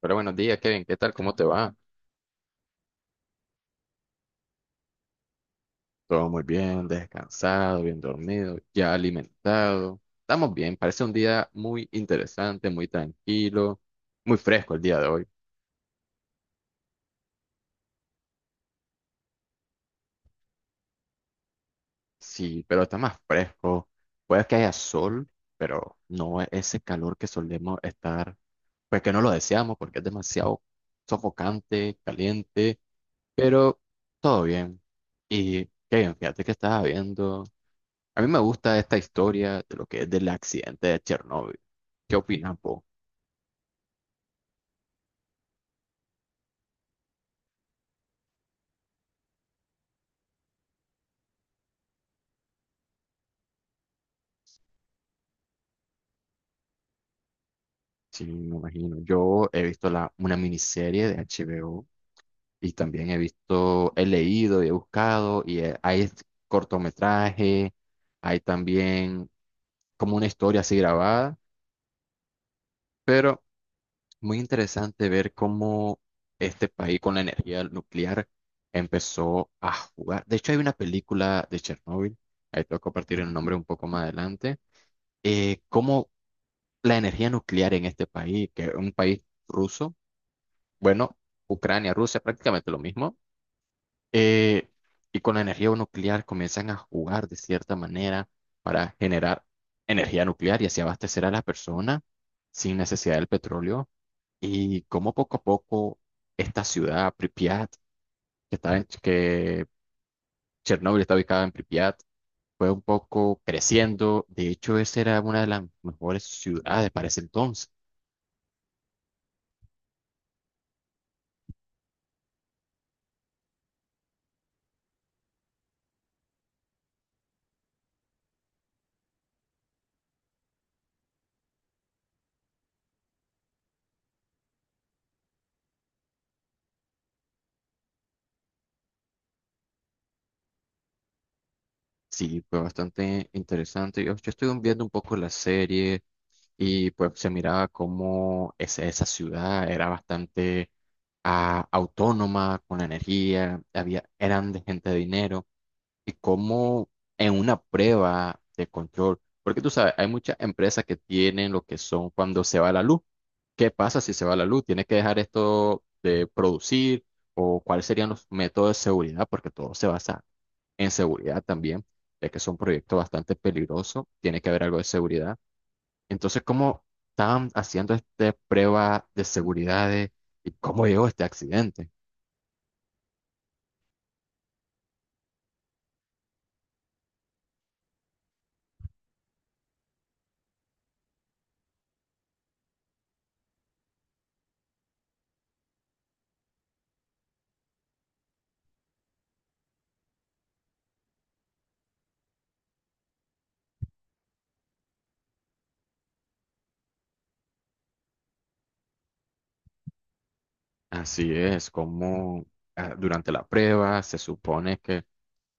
Pero buenos días, Kevin, ¿qué tal? ¿Cómo te va? Todo muy bien, descansado, bien dormido, ya alimentado. Estamos bien, parece un día muy interesante, muy tranquilo, muy fresco el día de hoy. Sí, pero está más fresco. Puede que haya sol, pero no es ese calor que solemos estar, pues que no lo deseamos porque es demasiado sofocante, caliente, pero todo bien. Y Kevin, fíjate que estaba viendo. A mí me gusta esta historia de lo que es del accidente de Chernóbil. ¿Qué opinas vos? Sí, me imagino. Yo he visto una miniserie de HBO y también he visto, he leído y he buscado y hay este cortometraje, hay también como una historia así grabada, pero muy interesante ver cómo este país con la energía nuclear empezó a jugar. De hecho, hay una película de Chernóbil, ahí tengo que compartir el nombre un poco más adelante, cómo la energía nuclear en este país, que es un país ruso, bueno, Ucrania, Rusia, prácticamente lo mismo, eh, y con la energía nuclear comienzan a jugar de cierta manera para generar energía nuclear y así abastecer a las personas sin necesidad del petróleo, y cómo poco a poco esta ciudad, Pripyat, que Chernóbil está ubicada en Pripyat, fue un poco creciendo. De hecho, esa era una de las mejores ciudades para ese entonces. Sí, fue bastante interesante. Yo estuve viendo un poco la serie y pues se miraba cómo esa ciudad era bastante autónoma, con energía, había, eran de gente de dinero y cómo en una prueba de control, porque tú sabes, hay muchas empresas que tienen lo que son cuando se va la luz. ¿Qué pasa si se va la luz? ¿Tienes que dejar esto de producir? ¿O cuáles serían los métodos de seguridad? Porque todo se basa en seguridad también, ya que es un proyecto bastante peligroso, tiene que haber algo de seguridad. Entonces, ¿cómo estaban haciendo esta prueba de seguridad de- y cómo llegó este accidente? Así es, como durante la prueba se supone que,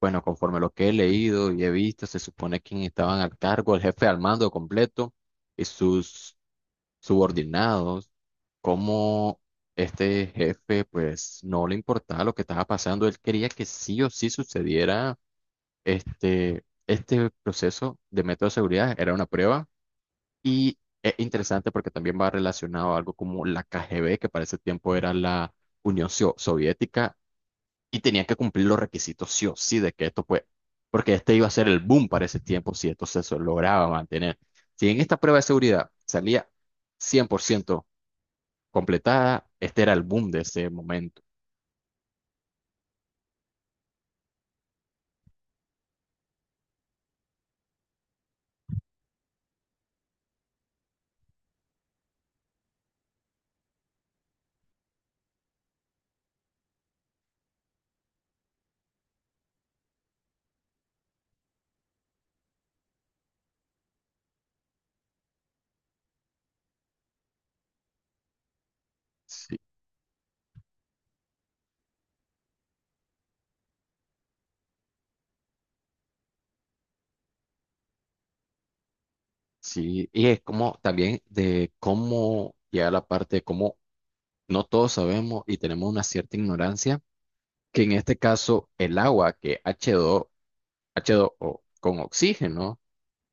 bueno, conforme lo que he leído y he visto, se supone que estaban al cargo, el jefe al mando completo y sus subordinados, cómo este jefe pues no le importaba lo que estaba pasando, él quería que sí o sí sucediera este proceso de método de seguridad, era una prueba. Y es interesante porque también va relacionado a algo como la KGB, que para ese tiempo era la Soviética, y tenía que cumplir los requisitos sí o sí de que esto pues, porque este iba a ser el boom para ese tiempo si lograba mantener. Si en esta prueba de seguridad salía 100% completada. Este era el boom de ese momento. Sí, sí, y es como también de cómo llega la parte de cómo no todos sabemos y tenemos una cierta ignorancia, que en este caso el agua que h dos o con oxígeno,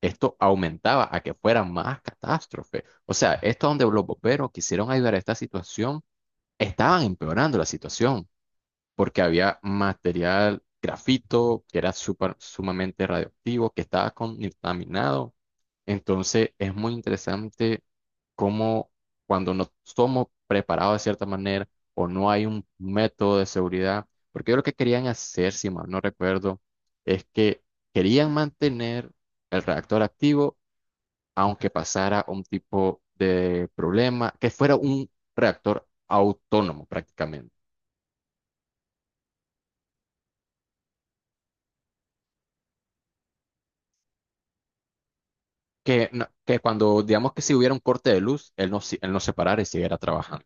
esto aumentaba a que fuera más catástrofe. O sea, esto donde los bomberos quisieron ayudar a esta situación, estaban empeorando la situación, porque había material grafito que era sumamente radioactivo, que estaba contaminado. Entonces es muy interesante cómo cuando no somos preparados de cierta manera o no hay un método de seguridad, porque yo lo que querían hacer, si mal no recuerdo, es que querían mantener el reactor activo aunque pasara un tipo de problema, que fuera un reactor autónomo prácticamente. Que, que cuando, digamos que si hubiera un corte de luz, él no se parara y siguiera trabajando.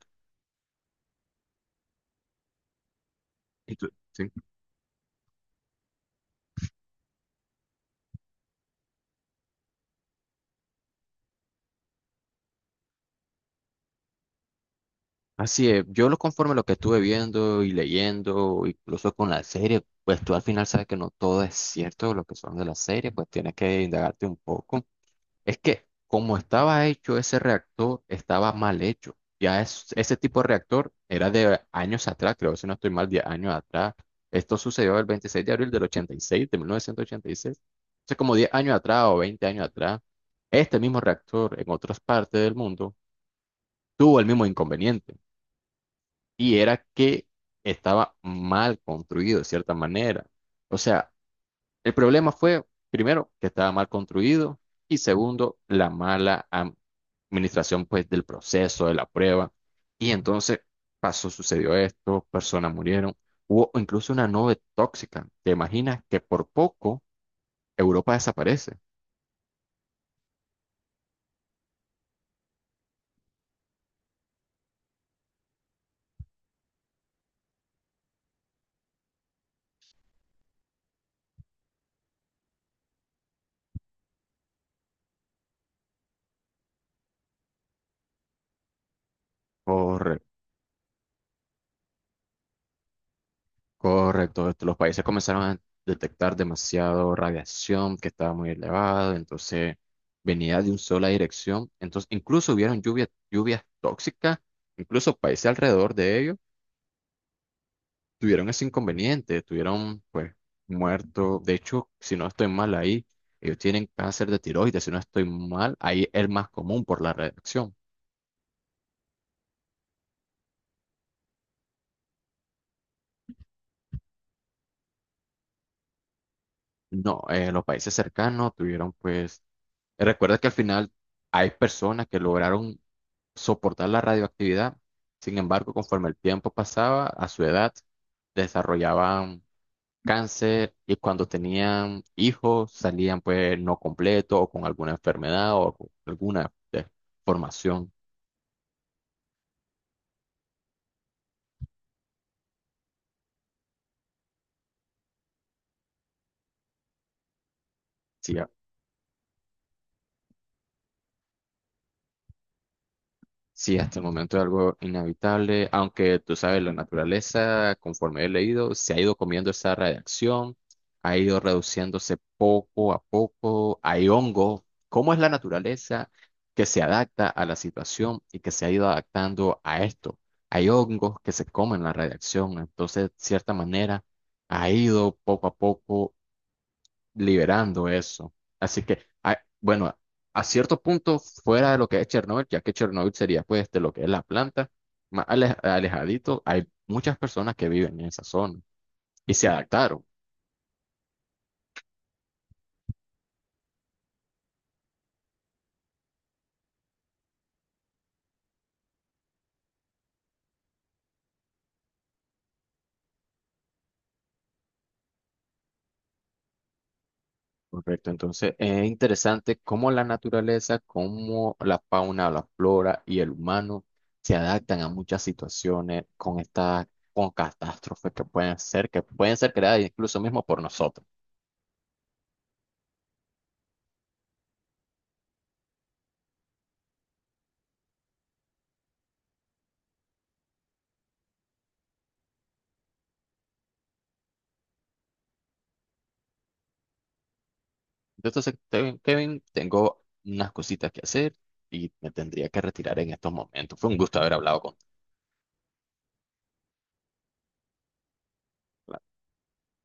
Sí. Así es, yo lo conforme a lo que estuve viendo y leyendo, incluso con la serie, pues tú al final sabes que no todo es cierto lo que son de la serie, pues tienes que indagarte un poco. Es que como estaba hecho ese reactor, estaba mal hecho. Ese tipo de reactor era de años atrás, creo, si no estoy mal, 10 años atrás. Esto sucedió el 26 de abril del 86 de 1986. Entonces, como 10 años atrás o 20 años atrás, este mismo reactor en otras partes del mundo tuvo el mismo inconveniente. Y era que estaba mal construido de cierta manera. O sea, el problema fue, primero, que estaba mal construido y segundo, la administración pues del proceso, de la prueba. Y entonces pasó, sucedió esto, personas murieron, hubo incluso una nube tóxica. ¿Te imaginas que por poco Europa desaparece? Correcto, correcto. Los países comenzaron a detectar demasiado radiación que estaba muy elevada, entonces venía de una sola dirección. Entonces incluso hubieron lluvias tóxicas, incluso países alrededor de ellos tuvieron ese inconveniente, tuvieron pues muerto. De hecho, si no estoy mal ahí, ellos tienen cáncer de tiroides, si no estoy mal, ahí es el más común por la reacción. No, los países cercanos tuvieron pues, recuerda que al final hay personas que lograron soportar la radioactividad, sin embargo, conforme el tiempo pasaba, a su edad desarrollaban cáncer y cuando tenían hijos salían pues no completos o con alguna enfermedad o con alguna deformación. Sí, sí, hasta el momento es algo inevitable, aunque tú sabes, la naturaleza, conforme he leído, se ha ido comiendo esa radiación, ha ido reduciéndose poco a poco, hay hongo. ¿Cómo es la naturaleza que se adapta a la situación y que se ha ido adaptando a esto? Hay hongos que se comen la radiación, entonces, de cierta manera, ha ido poco a poco liberando eso. Así que, bueno, a cierto punto fuera de lo que es Chernobyl, ya que Chernobyl sería pues de lo que es la planta, alejadito, hay muchas personas que viven en esa zona y se adaptaron. Correcto, entonces es interesante cómo la naturaleza, cómo la fauna, la flora y el humano se adaptan a muchas situaciones con estas, con catástrofes que pueden ser creadas incluso mismo por nosotros. Yo te acepté, Kevin, tengo unas cositas que hacer y me tendría que retirar en estos momentos. Fue un gusto haber hablado contigo.